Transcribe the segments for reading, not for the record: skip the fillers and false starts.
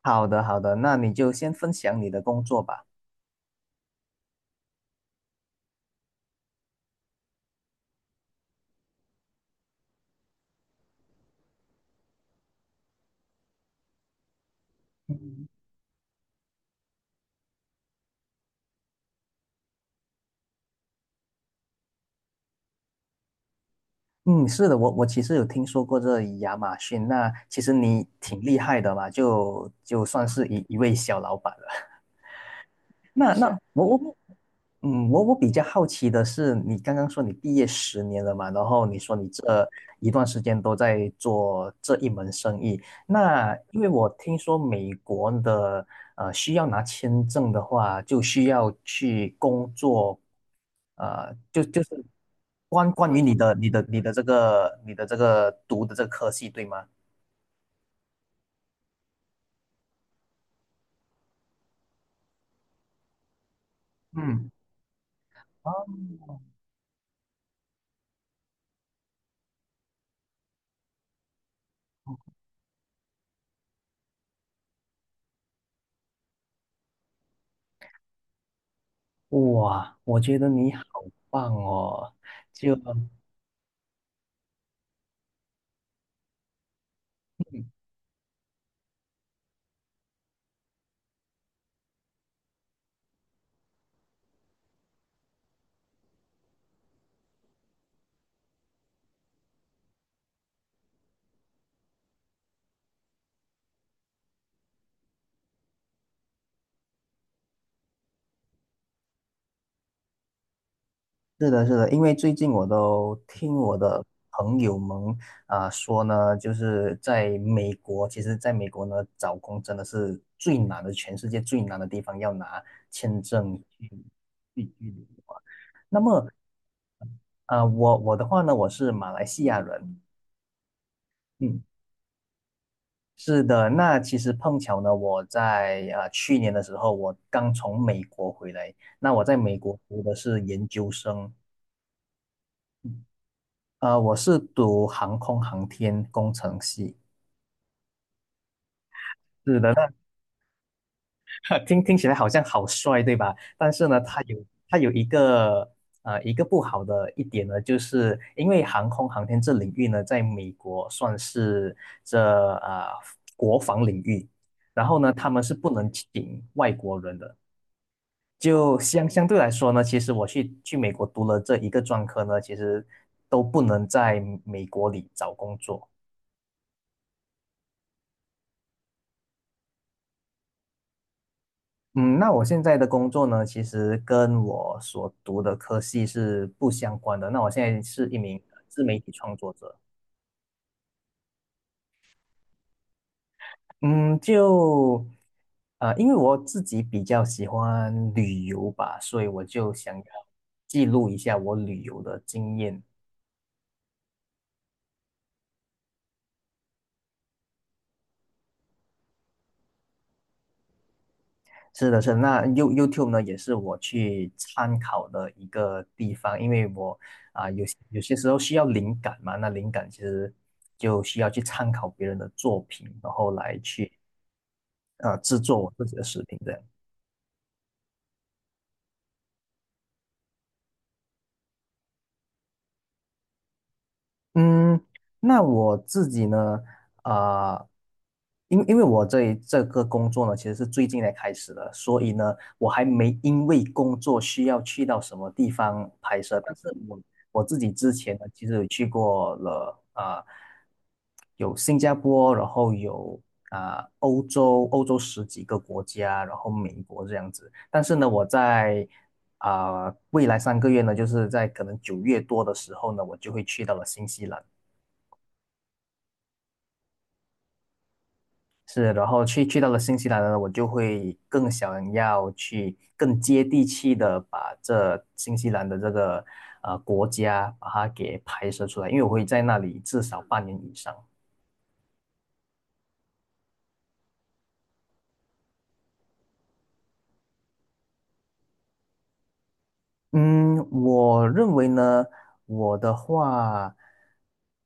好的，好的，那你就先分享你的工作吧。嗯嗯，是的，我其实有听说过这亚马逊，那其实你挺厉害的嘛，就算是一位小老板了。那那我我嗯，我我比较好奇的是，你刚刚说你毕业十年了嘛，然后你说你这一段时间都在做这一门生意。那因为我听说美国的需要拿签证的话，就需要去工作。就是关于你的这个读的这个科系，对吗？嗯。哦。哇，我觉得你好棒哦！就是的，是的，因为最近我都听我的朋友们说呢，就是在美国，其实在美国呢，找工真的是最难的，全世界最难的地方，要拿签证去旅游。我的话呢，我是马来西亚人。嗯，是的，那其实碰巧呢，我在去年的时候，我刚从美国回来，那我在美国读的是研究生。嗯我是读航空航天工程系。听起来好像好帅，对吧？但是呢，它有一个一个不好的一点呢，就是因为航空航天这领域呢，在美国算是这呃国防领域，然后呢，他们是不能请外国人的。就相对来说呢，其实我去美国读了这一个专科呢，其实都不能在美国里找工作。嗯，那我现在的工作呢，其实跟我所读的科系是不相关的。那我现在是一名自媒体创作者。嗯，因为我自己比较喜欢旅游吧，所以我就想要记录一下我旅游的经验。是的，是的那 YouTube 呢，也是我去参考的一个地方，因为我有些时候需要灵感嘛，那灵感其实就需要去参考别人的作品，然后来去制作我自己的视频这样。嗯，那我自己呢，呃，因为我这个工作呢，其实是最近才开始的，所以呢，我还没因为工作需要去到什么地方拍摄，但是我自己之前呢，其实有去过了有新加坡，然后有欧洲十几个国家，然后美国这样子。但是呢，我在未来3个月呢，就是在可能9月多的时候呢，我就会去到了新西兰。是，然后去到了新西兰呢，我就会更想要去更接地气的把这新西兰的这个国家把它给拍摄出来，因为我会在那里至少半年以上。嗯，我认为呢，我的话，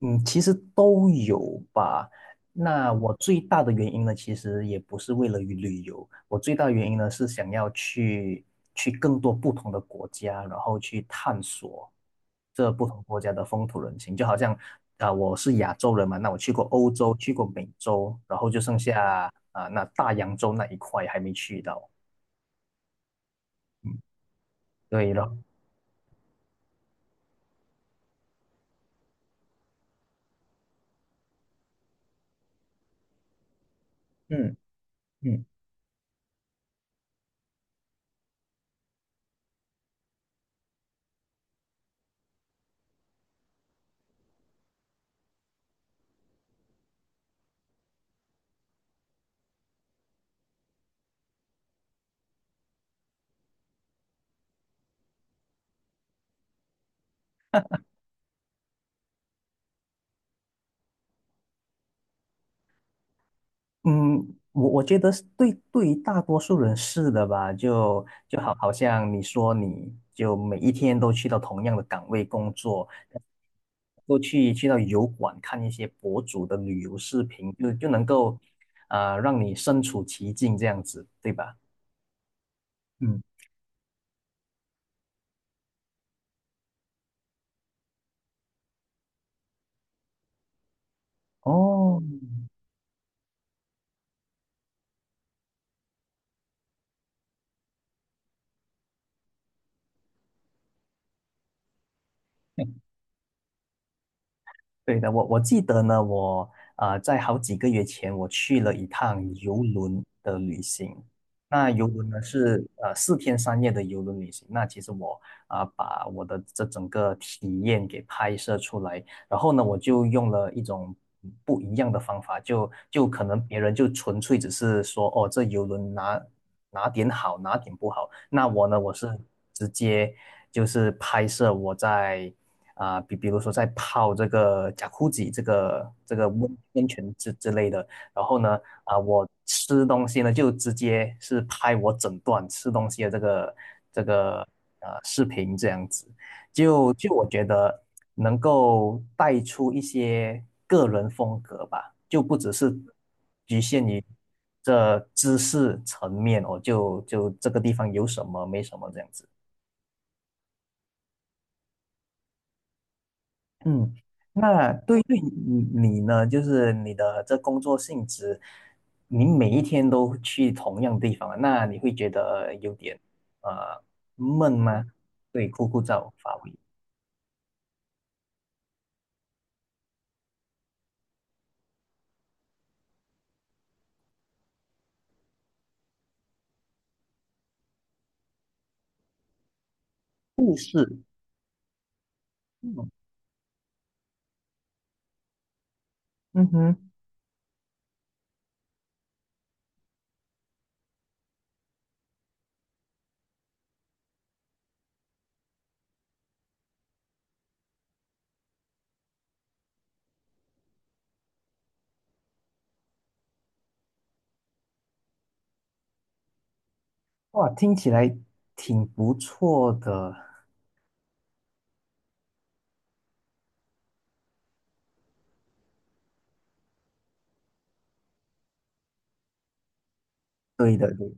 其实都有吧。那我最大的原因呢，其实也不是为了于旅游，我最大的原因呢是想要去更多不同的国家，然后去探索这不同国家的风土人情。就好像我是亚洲人嘛，那我去过欧洲，去过美洲，然后就剩下那大洋洲那一块还没去到。对了，然后嗯。嗯嗯，我觉得是对于大多数人是的吧，就好像你说你就每一天都去到同样的岗位工作，都去到油管看一些博主的旅游视频，就能够让你身处其境这样子，对吧？嗯。哦。对的，我记得呢，在好几个月前我去了一趟游轮的旅行。那游轮呢是4天3夜的游轮旅行。那其实把我的这整个体验给拍摄出来，然后呢我就用了一种不一样的方法，就可能别人就纯粹只是说哦这游轮哪点好哪点不好，那我呢我是直接就是拍摄我在。啊，比如说在泡这个贾库吉这个温泉之类的，然后呢，我吃东西呢就直接是拍我整段吃东西的这个视频这样子，就我觉得能够带出一些个人风格吧，就不只是局限于这知识层面哦，就这个地方有什么没什么这样子。嗯，那对于你呢，就是你的这工作性质，你每一天都去同样地方，那你会觉得有点呃闷吗？对，枯燥乏味。不是。嗯。嗯哼。哇，听起来挺不错的。对的，对。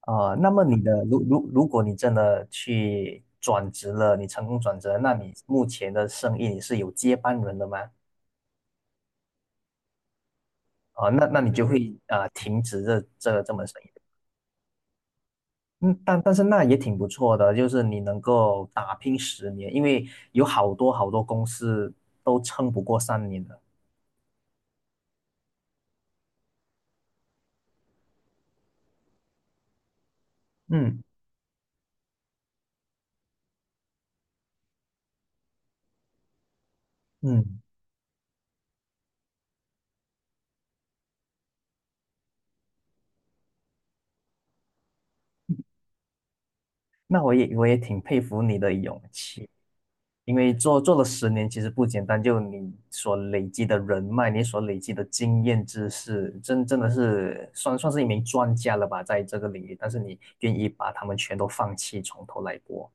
那么你的如果你真的去转职了，你成功转职了，那你目前的生意你是有接班人的吗？你就会停止这门生意。嗯，但是那也挺不错的，就是你能够打拼十年，因为有好多好多公司都撑不过3年的。嗯嗯，那我也挺佩服你的勇气，因为做了十年其实不简单，就你所累积的人脉，你所累积的经验知识，真的是算是一名专家了吧，在这个领域，但是你愿意把他们全都放弃，从头来过。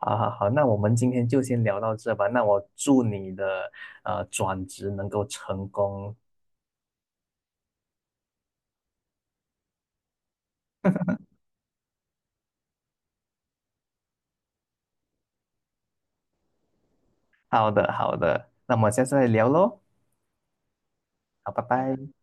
好好好，那我们今天就先聊到这吧。那我祝你的转职能够成功。好的，好的，那我们下次再聊喽。好，拜拜。